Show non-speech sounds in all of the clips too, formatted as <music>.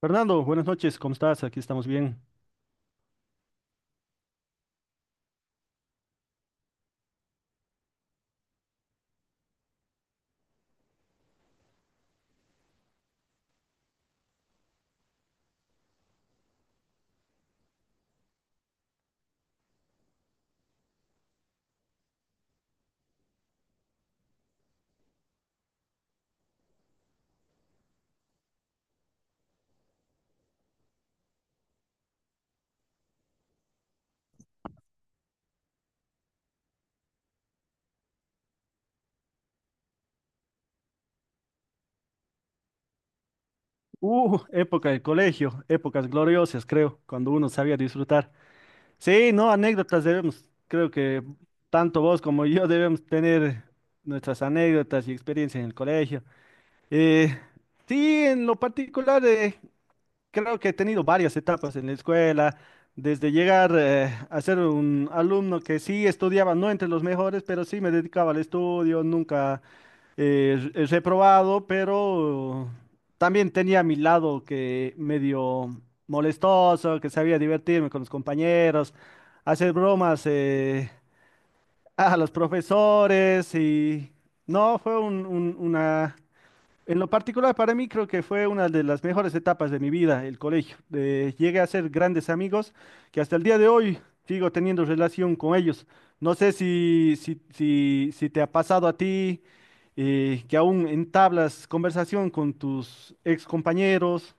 Fernando, buenas noches, ¿cómo estás? Aquí estamos bien. Época de colegio, épocas gloriosas, creo, cuando uno sabía disfrutar. Sí, no, anécdotas debemos, creo que tanto vos como yo debemos tener nuestras anécdotas y experiencias en el colegio. Eh, sí, en lo particular, creo que he tenido varias etapas en la escuela, desde llegar a ser un alumno que sí estudiaba, no entre los mejores, pero sí me dedicaba al estudio, nunca. He probado, pero también tenía mi lado que medio molestoso, que sabía divertirme con los compañeros, hacer bromas <laughs> a los profesores. Y no, fue un- un- una, en lo particular para mí creo que fue una de las mejores etapas de mi vida, el colegio. Llegué a hacer grandes amigos que hasta el día de hoy sigo teniendo relación con ellos. No sé si te ha pasado a ti, que aún entablas conversación con tus ex compañeros.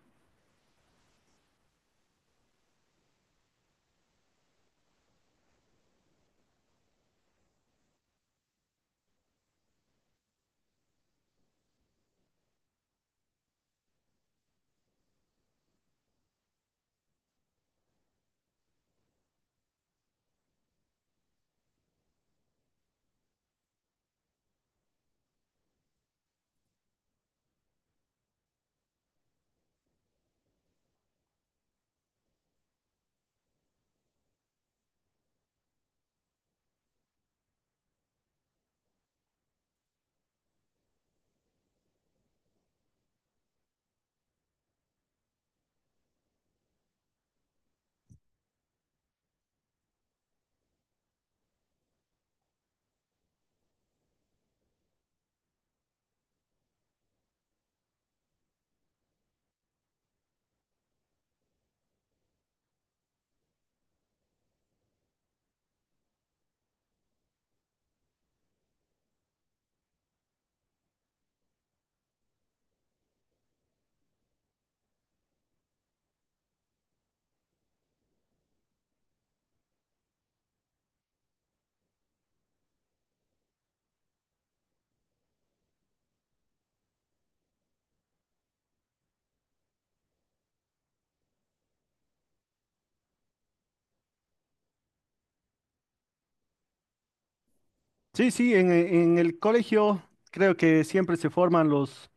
Sí, sí, en el colegio creo que siempre se forman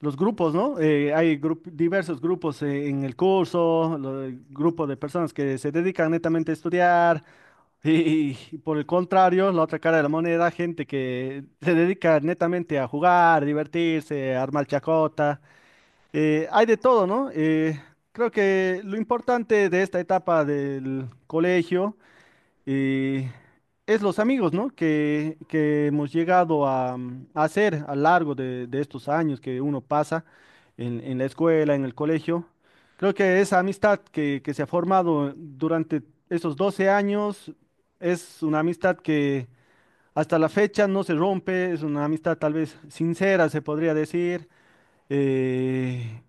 los grupos, ¿no? Hay diversos grupos en el curso, el grupo de personas que se dedican netamente a estudiar. Y por el contrario, la otra cara de la moneda, gente que se dedica netamente a jugar, divertirse, a armar chacota, hay de todo, ¿no? Creo que lo importante de esta etapa del colegio eh, es los amigos, ¿no? Que hemos llegado a, a hacer a lo largo de estos años que uno pasa en la escuela, en el colegio. Creo que esa amistad que se ha formado durante esos 12 años es una amistad que hasta la fecha no se rompe, es una amistad tal vez sincera, se podría decir. eh,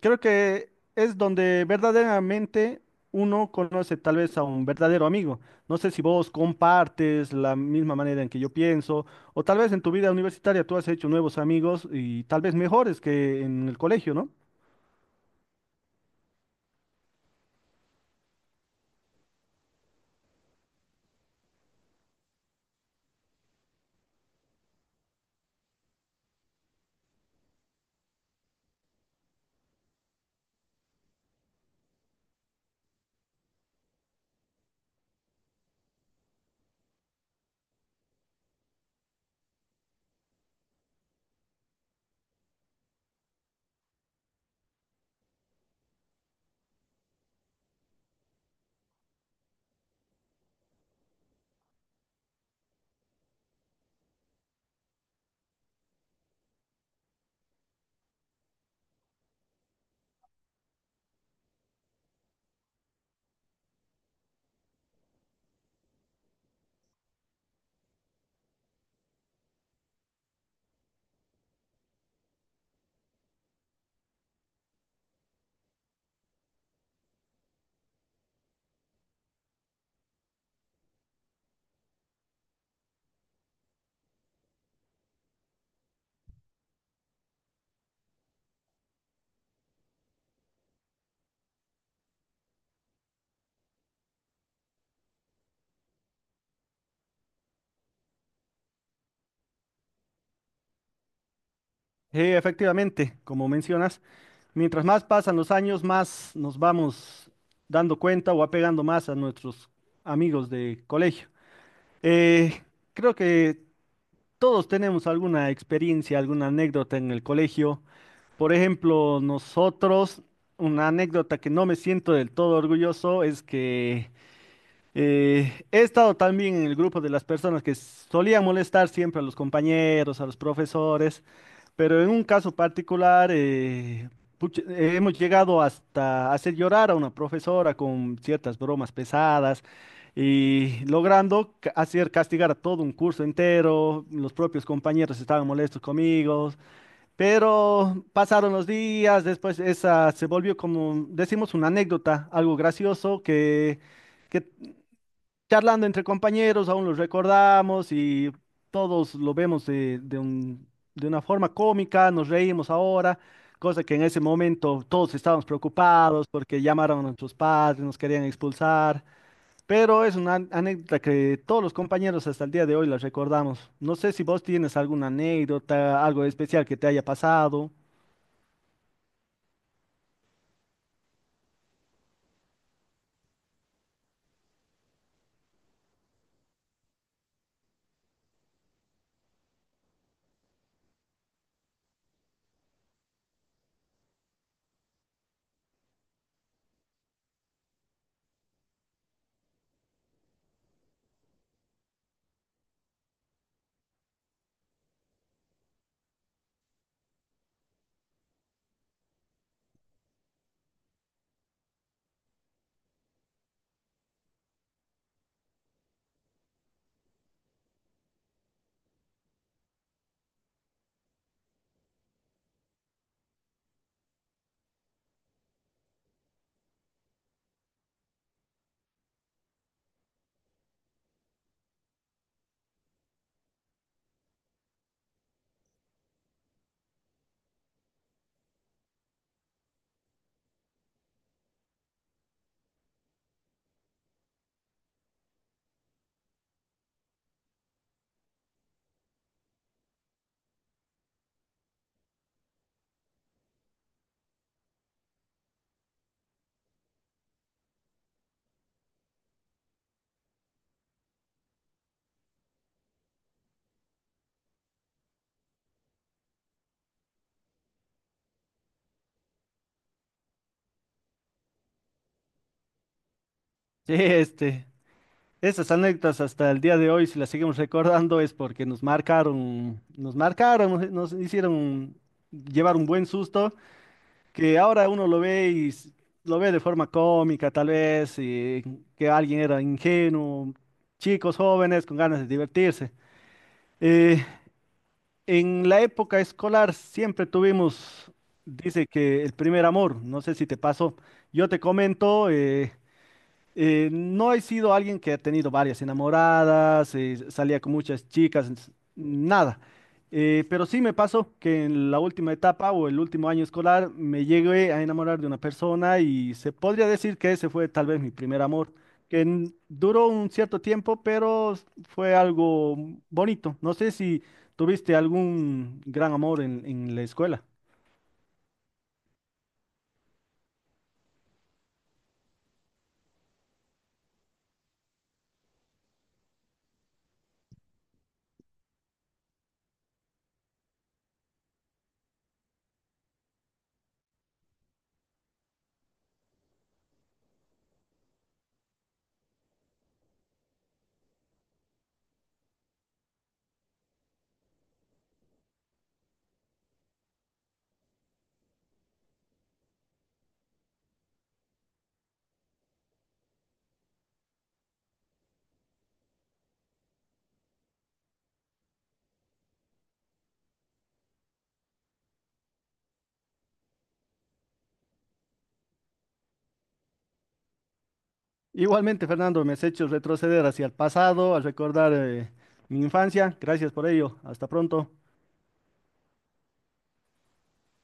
Creo que es donde verdaderamente uno conoce tal vez a un verdadero amigo. No sé si vos compartes la misma manera en que yo pienso, o tal vez en tu vida universitaria tú has hecho nuevos amigos y tal vez mejores que en el colegio, ¿no? Sí, efectivamente, como mencionas, mientras más pasan los años, más nos vamos dando cuenta o apegando más a nuestros amigos de colegio. Eh, creo que todos tenemos alguna experiencia, alguna anécdota en el colegio. Por ejemplo, nosotros, una anécdota que no me siento del todo orgulloso es que, he estado también en el grupo de las personas que solían molestar siempre a los compañeros, a los profesores, pero en un caso particular, pucha, hemos llegado hasta hacer llorar a una profesora con ciertas bromas pesadas y logrando hacer castigar a todo un curso entero, los propios compañeros estaban molestos conmigo. Pero pasaron los días, después esa se volvió como, decimos, una anécdota, algo gracioso que charlando entre compañeros aún lo recordamos y todos lo vemos de de una forma cómica, nos reímos ahora, cosa que en ese momento todos estábamos preocupados porque llamaron a nuestros padres, nos querían expulsar, pero es una anécdota que todos los compañeros hasta el día de hoy la recordamos. No sé si vos tienes alguna anécdota, algo especial que te haya pasado. Sí, este, esas anécdotas hasta el día de hoy, si las seguimos recordando, es porque nos marcaron, nos marcaron, nos, nos hicieron llevar un buen susto, que ahora uno lo ve y lo ve de forma cómica, tal vez, y que alguien era ingenuo, chicos jóvenes con ganas de divertirse. Eh, en la época escolar siempre tuvimos, dice que el primer amor, no sé si te pasó, yo te comento. No he sido alguien que ha tenido varias enamoradas, salía con muchas chicas, nada. Pero sí me pasó que en la última etapa o el último año escolar me llegué a enamorar de una persona y se podría decir que ese fue tal vez mi primer amor, que duró un cierto tiempo, pero fue algo bonito. No sé si tuviste algún gran amor en la escuela. Igualmente, Fernando, me has hecho retroceder hacia el pasado, al recordar mi infancia. Gracias por ello. Hasta pronto.